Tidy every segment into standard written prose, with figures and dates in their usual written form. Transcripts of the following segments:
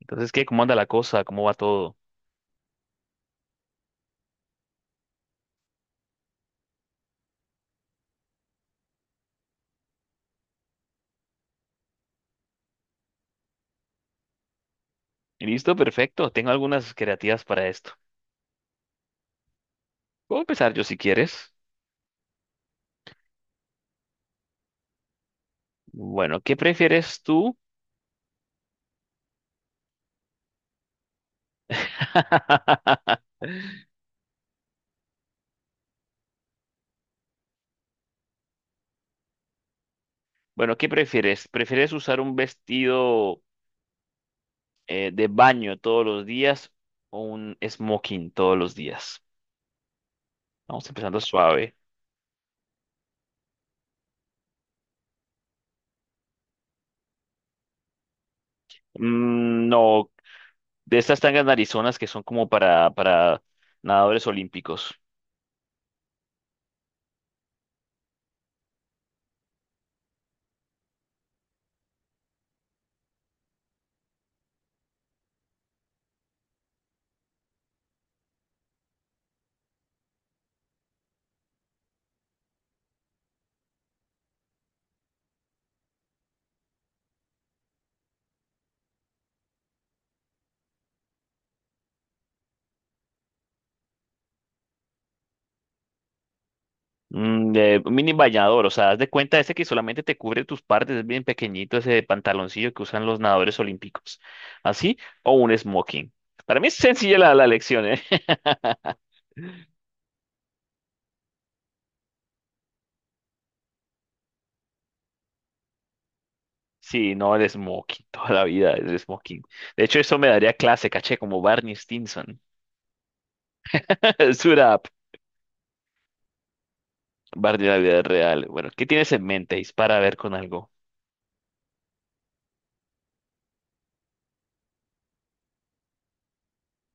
Entonces, ¿qué? ¿Cómo anda la cosa? ¿Cómo va todo? Listo, perfecto. Tengo algunas creativas para esto. Puedo empezar yo si quieres. Bueno, ¿qué prefieres tú? Bueno, ¿qué prefieres? ¿Prefieres usar un vestido de baño todos los días o un smoking todos los días? Vamos empezando suave. No, de estas tangas narizonas que son como para nadadores olímpicos. De mini bañador, o sea, haz de cuenta ese que solamente te cubre tus partes, es bien pequeñito ese pantaloncillo que usan los nadadores olímpicos. Así, o un smoking. Para mí es sencilla la elección, ¿eh? Sí, no, el smoking, toda la vida el smoking. De hecho, eso me daría clase, caché, como Barney Stinson. Suit up, Barney de la vida real. Bueno, ¿qué tienes en mente? Dispara a ver con algo.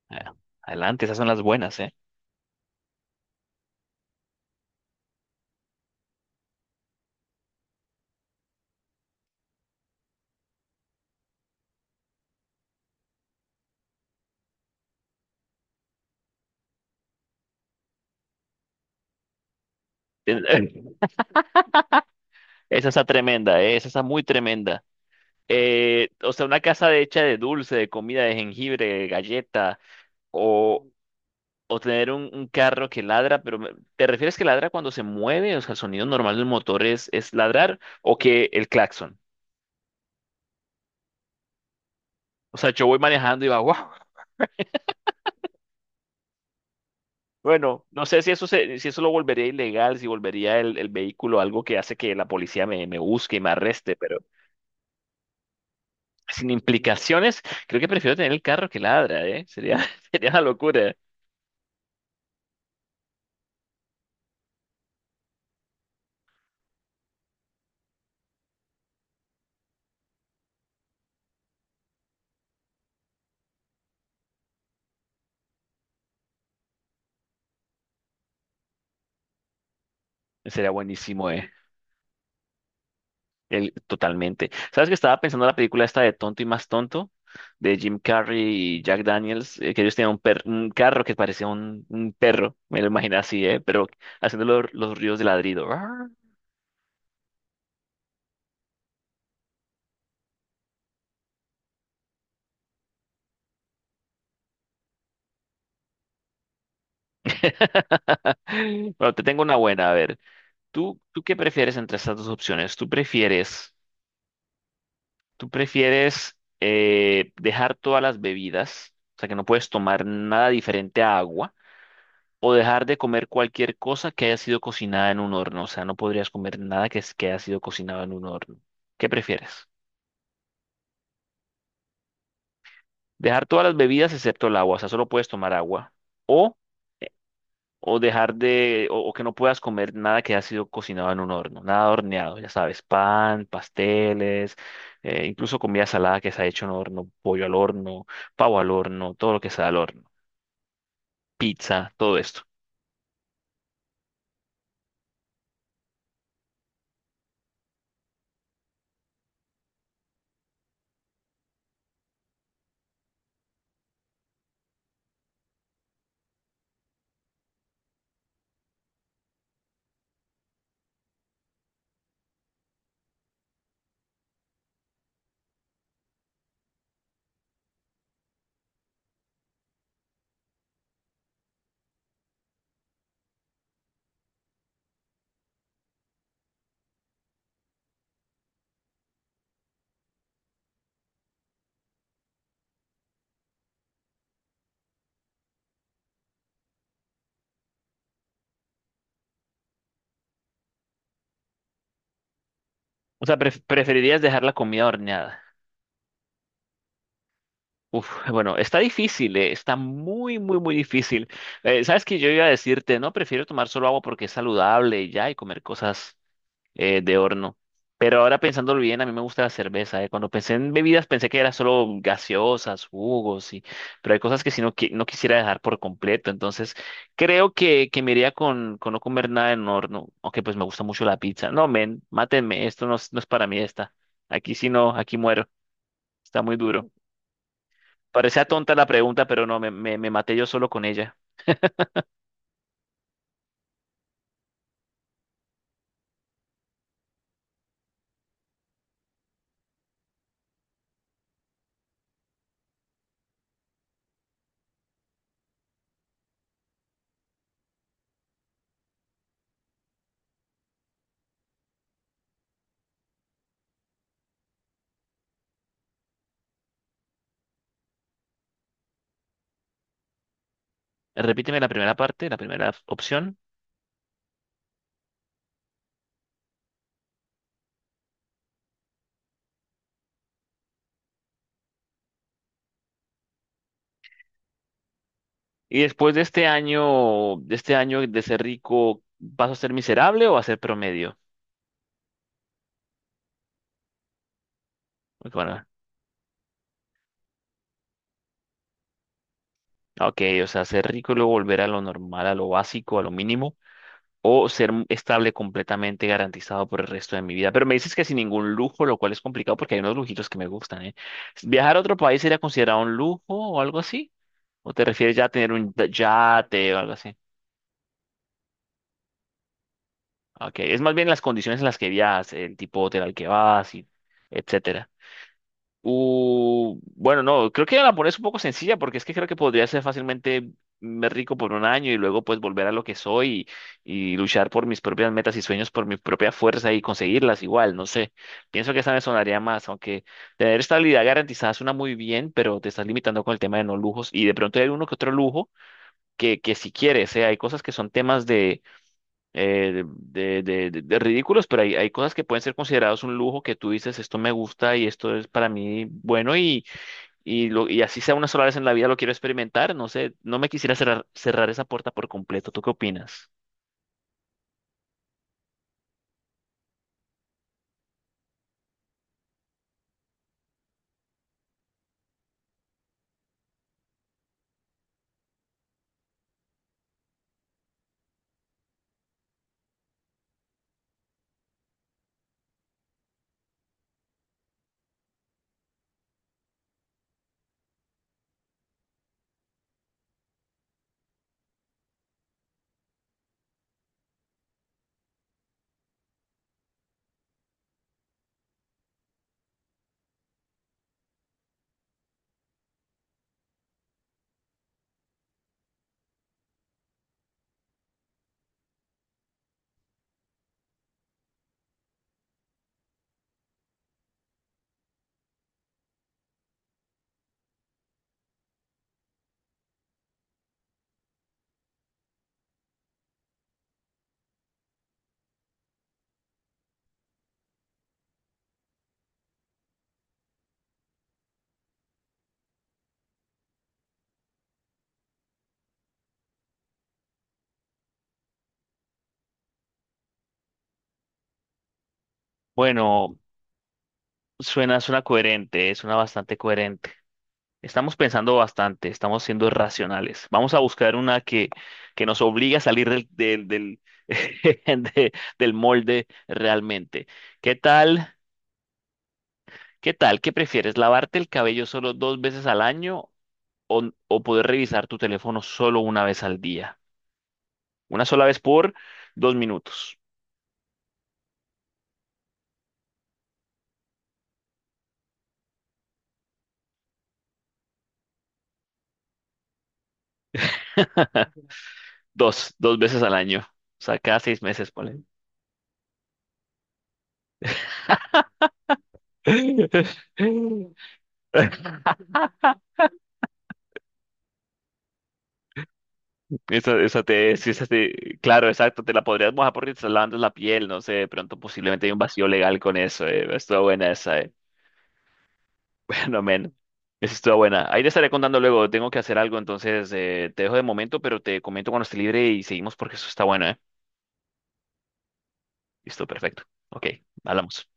Ah, adelante, esas son las buenas, ¿eh? Esa está tremenda, ¿eh? Esa está muy tremenda. O sea, una casa hecha de dulce, de comida, de jengibre, de galleta, o, o tener un carro que ladra, pero ¿te refieres que ladra cuando se mueve? O sea, el sonido normal del motor es ladrar o que el claxon. O sea, yo voy manejando y va, wow. Bueno, no sé si eso si eso lo volvería ilegal, si volvería el vehículo algo que hace que la policía me busque y me arreste, pero sin implicaciones, creo que prefiero tener el carro que ladra, ¿eh? Sería, sería una locura. Sería buenísimo, ¿eh? Totalmente. ¿Sabes que estaba pensando en la película esta de Tonto y Más Tonto? De Jim Carrey y Jack Daniels, que ellos tenían un carro que parecía un perro, me lo imaginé así, ¿eh? Pero haciendo los ríos de ladrido. Arr. Bueno, te tengo una buena, a ver. ¿Tú qué prefieres entre estas dos opciones? ¿Tú prefieres, dejar todas las bebidas, o sea, que no puedes tomar nada diferente a agua? O dejar de comer cualquier cosa que haya sido cocinada en un horno. O sea, no podrías comer nada que haya sido cocinado en un horno. ¿Qué prefieres? Dejar todas las bebidas excepto el agua, o sea, solo puedes tomar agua. O, o que no puedas comer nada que haya sido cocinado en un horno, nada horneado, ya sabes, pan, pasteles, incluso comida salada que se ha hecho en horno, pollo al horno, pavo al horno, todo lo que sea al horno, pizza, todo esto. O sea, preferirías dejar la comida horneada. Uf, bueno, está difícil. Está muy, muy, muy difícil. Sabes que yo iba a decirte, no, prefiero tomar solo agua porque es saludable y ya, y comer cosas de horno. Pero ahora pensándolo bien, a mí me gusta la cerveza, eh. Cuando pensé en bebidas pensé que era solo gaseosas, jugos, y pero hay cosas que si no, no quisiera dejar por completo. Entonces, creo que me iría con no comer nada en horno, aunque pues me gusta mucho la pizza. No, men, mátenme, esto no, no es para mí esta. Aquí sí no, aquí muero. Está muy duro. Parecía tonta la pregunta, pero no, me maté yo solo con ella. Repíteme la primera parte, la primera opción. Y después de este año, de ser rico, ¿vas a ser miserable o a ser promedio? Bueno, ok, o sea, ser rico y luego volver a lo normal, a lo básico, a lo mínimo, o ser estable completamente garantizado por el resto de mi vida. Pero me dices que sin ningún lujo, lo cual es complicado porque hay unos lujitos que me gustan, ¿eh? ¿Viajar a otro país sería considerado un lujo o algo así? ¿O te refieres ya a tener un yate o algo así? Okay, es más bien las condiciones en las que viajas, el tipo de hotel al que vas y etcétera. Bueno, no, creo que la pones un poco sencilla porque es que creo que podría ser fácilmente me rico por un año y luego pues volver a lo que soy y luchar por mis propias metas y sueños por mi propia fuerza y conseguirlas igual, no sé. Pienso que esa me sonaría más, aunque tener estabilidad garantizada suena muy bien, pero te estás limitando con el tema de no lujos y de pronto hay uno que otro lujo que si quieres, hay cosas que son temas de ridículos, pero hay cosas que pueden ser considerados un lujo que tú dices, esto me gusta y esto es para mí bueno y así sea una sola vez en la vida lo quiero experimentar, no sé, no me quisiera cerrar esa puerta por completo, ¿tú qué opinas? Bueno, suena coherente, suena bastante coherente. Estamos pensando bastante, estamos siendo racionales. Vamos a buscar una que nos obligue a salir del de- del molde realmente. ¿Qué tal? ¿Qué tal? ¿Qué prefieres? ¿Lavarte el cabello solo 2 veces al año o, o poder revisar tu teléfono solo una vez al día? Una sola vez por 2 minutos. Dos veces al año. O sea, cada 6 meses, ponle. Sí, claro, exacto, te la podrías mojar porque te estás lavando la piel, no sé, de pronto posiblemente hay un vacío legal con eso, eh. Estuvo buena esa, eh. Bueno, men, esa estuvo buena. Ahí te estaré contando luego, tengo que hacer algo, entonces te dejo de momento, pero te comento cuando esté libre y seguimos porque eso está bueno, eh. Listo, perfecto. Ok, hablamos.